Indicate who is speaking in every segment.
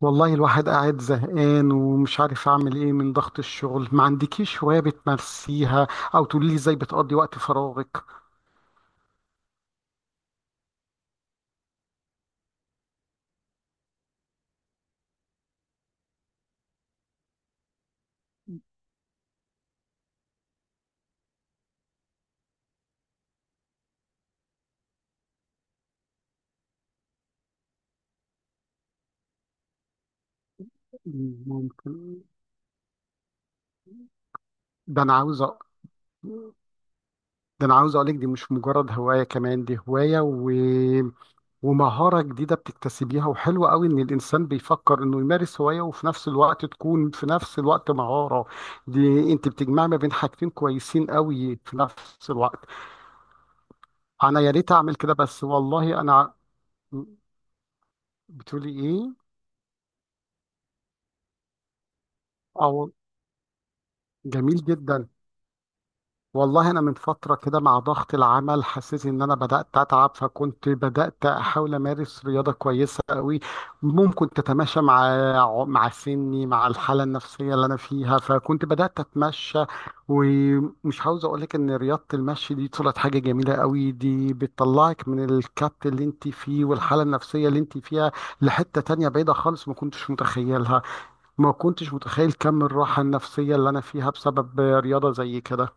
Speaker 1: والله الواحد قاعد زهقان ومش عارف اعمل ايه من ضغط الشغل، ما عندكيش هواية بتمارسيها او تقولي لي ازاي بتقضي وقت فراغك؟ ممكن. ده انا عاوز أ... ده انا عاوز اقولك دي مش مجرد هواية كمان، دي هواية ومهارة جديدة بتكتسبيها وحلوة قوي، ان الانسان بيفكر انه يمارس هواية وفي نفس الوقت تكون في نفس الوقت مهارة. دي انت بتجمع ما بين حاجتين كويسين قوي في نفس الوقت. انا يا ريت اعمل كده بس والله انا. بتقولي ايه؟ او. جميل جدا. والله انا من فتره كده، مع ضغط العمل حسيت ان انا بدات اتعب، فكنت بدات احاول امارس رياضه كويسه قوي، ممكن تتماشى مع سني مع الحاله النفسيه اللي انا فيها، فكنت بدات اتمشى. ومش عاوز اقول لك ان رياضه المشي دي طلعت حاجه جميله قوي، دي بتطلعك من الكبت اللي انت فيه والحاله النفسيه اللي انت فيها لحته تانية بعيده خالص، ما كنتش متخيلها. ما كنتش متخيل كم الراحة النفسية اللي أنا فيها بسبب رياضة زي كده.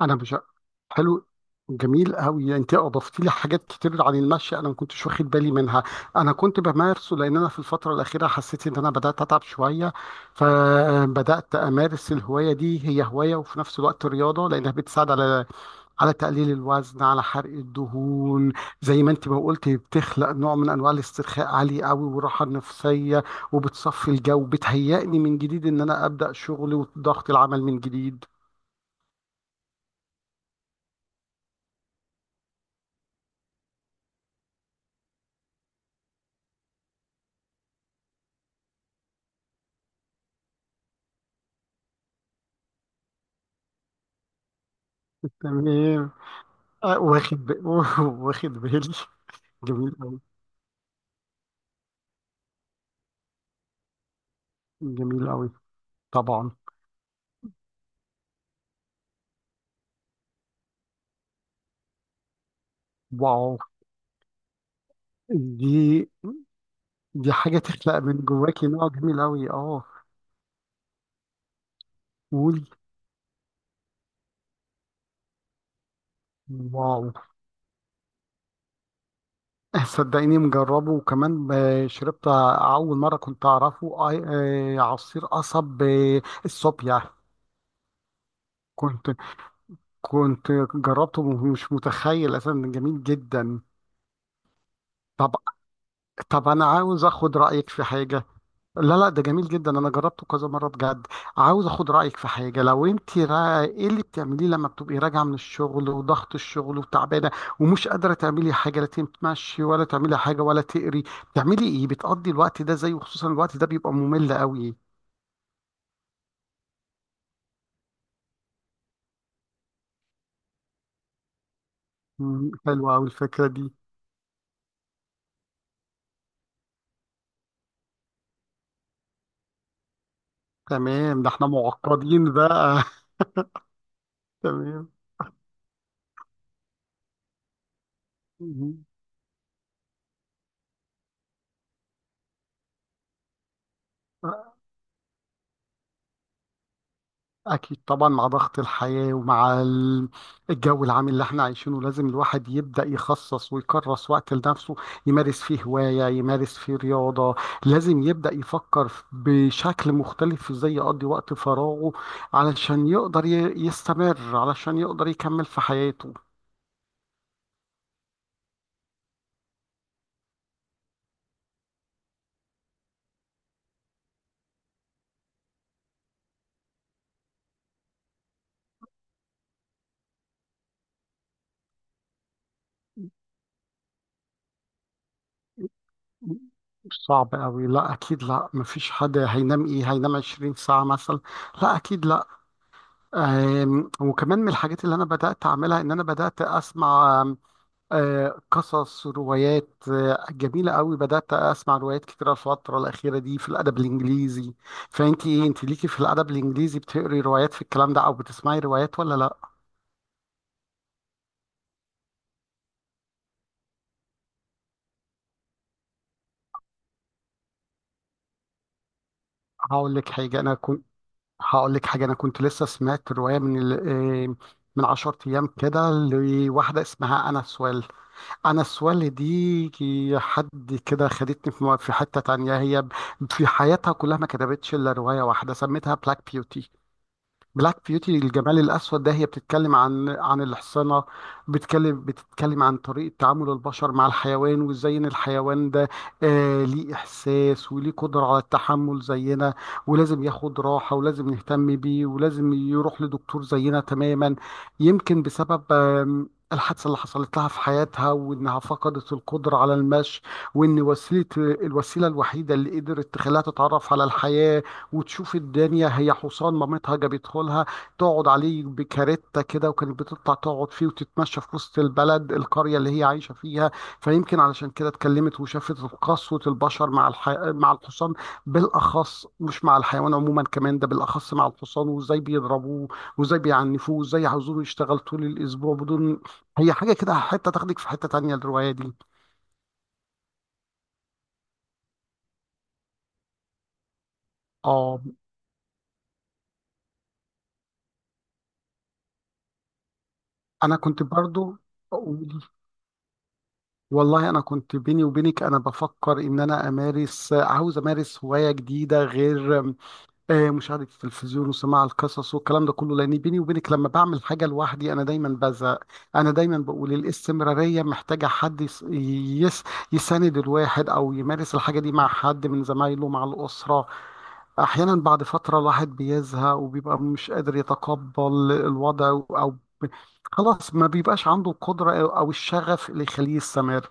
Speaker 1: انا مش. حلو. جميل قوي، انت اضفت لي حاجات كتير عن المشي، انا ما كنتش واخد بالي منها. انا كنت بمارسه لان انا في الفتره الاخيره حسيت ان انا بدات اتعب شويه، فبدات امارس الهوايه دي، هي هوايه وفي نفس الوقت رياضه، لانها بتساعد على تقليل الوزن، على حرق الدهون. زي ما انت ما قلت، بتخلق نوع من انواع الاسترخاء عالي قوي والراحه النفسيه. وبتصفي الجو، بتهيئني من جديد، ان انا ابدا شغلي وضغط العمل من جديد. تمام. آه، واخد ب... واخد بالي. جميل أوي. جميل أوي. طبعا. واو. دي دي حاجة تخلق من جواكي نوع جميل أوي، اه. قول. واو. صدقيني، مجربه، وكمان شربت. أول مرة كنت أعرفه. عصير قصب، الصوبيا. كنت كنت جربته، ومش متخيل أساسا، جميل جدا. طب طب، أنا عاوز أخد رأيك في حاجة. لا، لا، ده جميل جدا، انا جربته كذا مره بجد. عاوز اخد رايك في حاجه، لو انت ايه اللي بتعمليه لما بتبقي راجعه من الشغل وضغط الشغل وتعبانه، ومش قادره تعملي حاجه، لا تمشي ولا تعملي حاجه ولا تقري، بتعملي ايه؟ بتقضي الوقت ده زي، وخصوصا الوقت ده بيبقى ممل قوي. حلوه قوي الفكره دي. تمام. ده احنا معقدين بقى. تمام. مم. أكيد طبعا، مع ضغط الحياة ومع الجو العام اللي احنا عايشينه، لازم الواحد يبدأ يخصص ويكرس وقت لنفسه، يمارس فيه هواية، يمارس فيه رياضة، لازم يبدأ يفكر بشكل مختلف ازاي يقضي وقت فراغه، علشان يقدر يستمر، علشان يقدر يكمل في حياته. صعب قوي. لا، اكيد لا، مفيش حد هينام، ايه هينام 20 ساعة مثلا؟ لا، اكيد لا. وكمان من الحاجات اللي انا بدأت اعملها ان انا بدأت اسمع قصص روايات جميلة قوي، بدأت أسمع روايات كتيرة الفترة الأخيرة دي في الأدب الإنجليزي. فأنت إيه، أنت ليكي في الأدب الإنجليزي بتقري روايات في الكلام ده أو بتسمعي روايات ولا لأ؟ هقول لك حاجة أنا كنت هقول لك حاجة أنا كنت لسه سمعت رواية من 10 أيام كده، لواحدة اسمها أنا سوال. أنا سوال دي حد كده خدتني في في حتة تانية، هي في حياتها كلها ما كتبتش إلا رواية واحدة سميتها بلاك بيوتي. بلاك بيوتي الجمال الأسود، ده هي بتتكلم عن الحصانة، بتتكلم عن طريقة تعامل البشر مع الحيوان، وازاي ان الحيوان ده ليه إحساس وليه قدرة على التحمل زينا، ولازم ياخد راحة ولازم نهتم بيه ولازم يروح لدكتور زينا تماما. يمكن بسبب الحادثة اللي حصلت لها في حياتها وإنها فقدت القدرة على المشي، وإن الوسيلة الوحيدة اللي قدرت تخليها تتعرف على الحياة وتشوف الدنيا هي حصان مامتها جابته لها، تقعد عليه بكارته كده، وكانت بتطلع تقعد فيه وتتمشى في وسط البلد القرية اللي هي عايشة فيها. فيمكن علشان كده اتكلمت وشافت قسوة البشر مع الحصان بالأخص، مش مع الحيوان عموما، كمان ده بالأخص مع الحصان، وازاي بيضربوه وازاي بيعنفوه وازاي عاوزوه يشتغل طول الأسبوع بدون. هي حاجة كده، حتة تاخدك في حتة تانية الرواية دي. اه، أنا كنت برضو. والله انا كنت بيني وبينك، انا بفكر ان انا عاوز امارس هوايه جديده غير مشاهده التلفزيون وسماع القصص والكلام ده كله، لان بيني وبينك لما بعمل حاجه لوحدي انا دايما بزهق، انا دايما بقول الاستمراريه محتاجه حد يس- يساند الواحد او يمارس الحاجه دي مع حد من زمايله مع الاسره. احيانا بعد فتره الواحد بيزهق وبيبقى مش قادر يتقبل الوضع، او خلاص ما بيبقاش عنده القدره او الشغف اللي يخليه يستمر.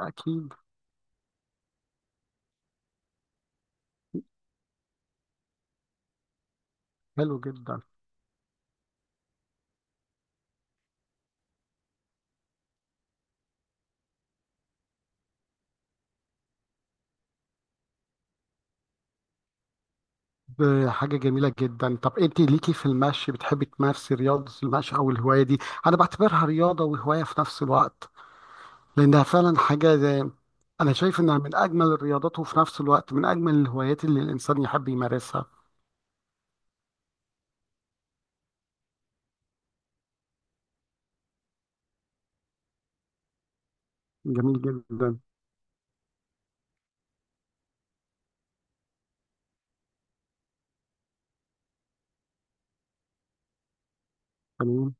Speaker 1: أكيد. حلو جدا. حاجة جميلة جدا. طب أنت ليكي في المشي بتحبي تمارسي رياضة المشي أو الهواية دي؟ أنا بعتبرها رياضة وهواية في نفس الوقت، لأنها فعلا حاجة زي، أنا شايف إنها من أجمل الرياضات وفي نفس الوقت من أجمل الهوايات اللي الإنسان يحب يمارسها. جميل جدا. تمام.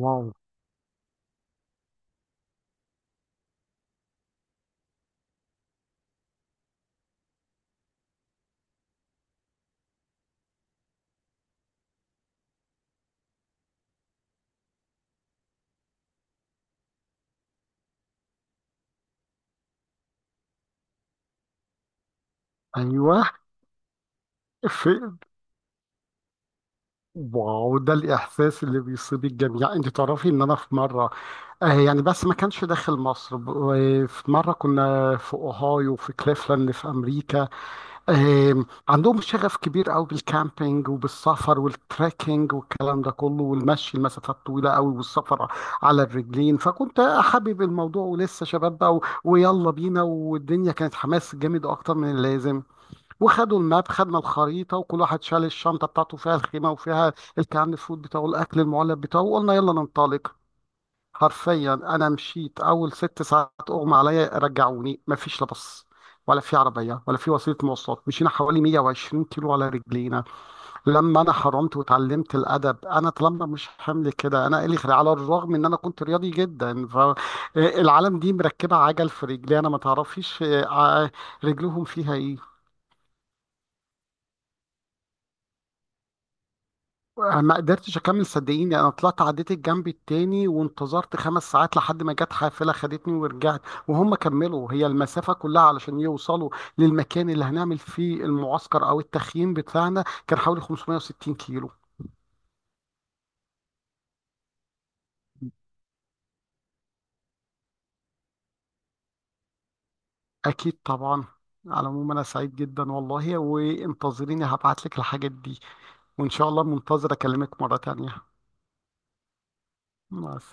Speaker 1: واو. أيوه. في. واو، ده الإحساس اللي بيصيب الجميع، يعني أنت تعرفي إن أنا في مرة يعني بس ما كانش داخل مصر في مرة كنا في أوهايو في كليفلاند في أمريكا. عندهم شغف كبير قوي بالكامبينج وبالسفر والتريكينج والكلام ده كله، والمشي المسافات طويلة قوي، والسفر على الرجلين، فكنت حابب الموضوع ولسه شباب بقى، ويلا بينا، والدنيا كانت حماس جامد أكتر من اللازم. وخدوا الماب، خدنا الخريطه، وكل واحد شال الشنطه بتاعته فيها الخيمه وفيها الكان فود بتاعه الاكل المعلب بتاعه، وقلنا يلا ننطلق. حرفيا انا مشيت اول 6 ساعات اغمى عليا، رجعوني، مفيش لا بص ولا في عربيه ولا في وسيله مواصلات، مشينا حوالي 120 كيلو على رجلينا. لما انا حرمت وتعلمت الادب انا طالما مش حمل كده انا الي خير، على الرغم ان انا كنت رياضي جدا، فالعالم دي مركبه عجل في رجلي انا ما تعرفيش آه، رجلهم فيها ايه؟ ما قدرتش اكمل صدقيني، انا طلعت عديت الجنب التاني وانتظرت 5 ساعات لحد ما جت حافله خدتني ورجعت. وهم كملوا هي المسافه كلها علشان يوصلوا للمكان اللي هنعمل فيه المعسكر او التخييم بتاعنا، كان حوالي 560 كيلو. اكيد طبعا. على العموم انا سعيد جدا والله، وانتظريني، هبعت لك الحاجات دي، وان شاء الله منتظر اكلمك مره تانية مع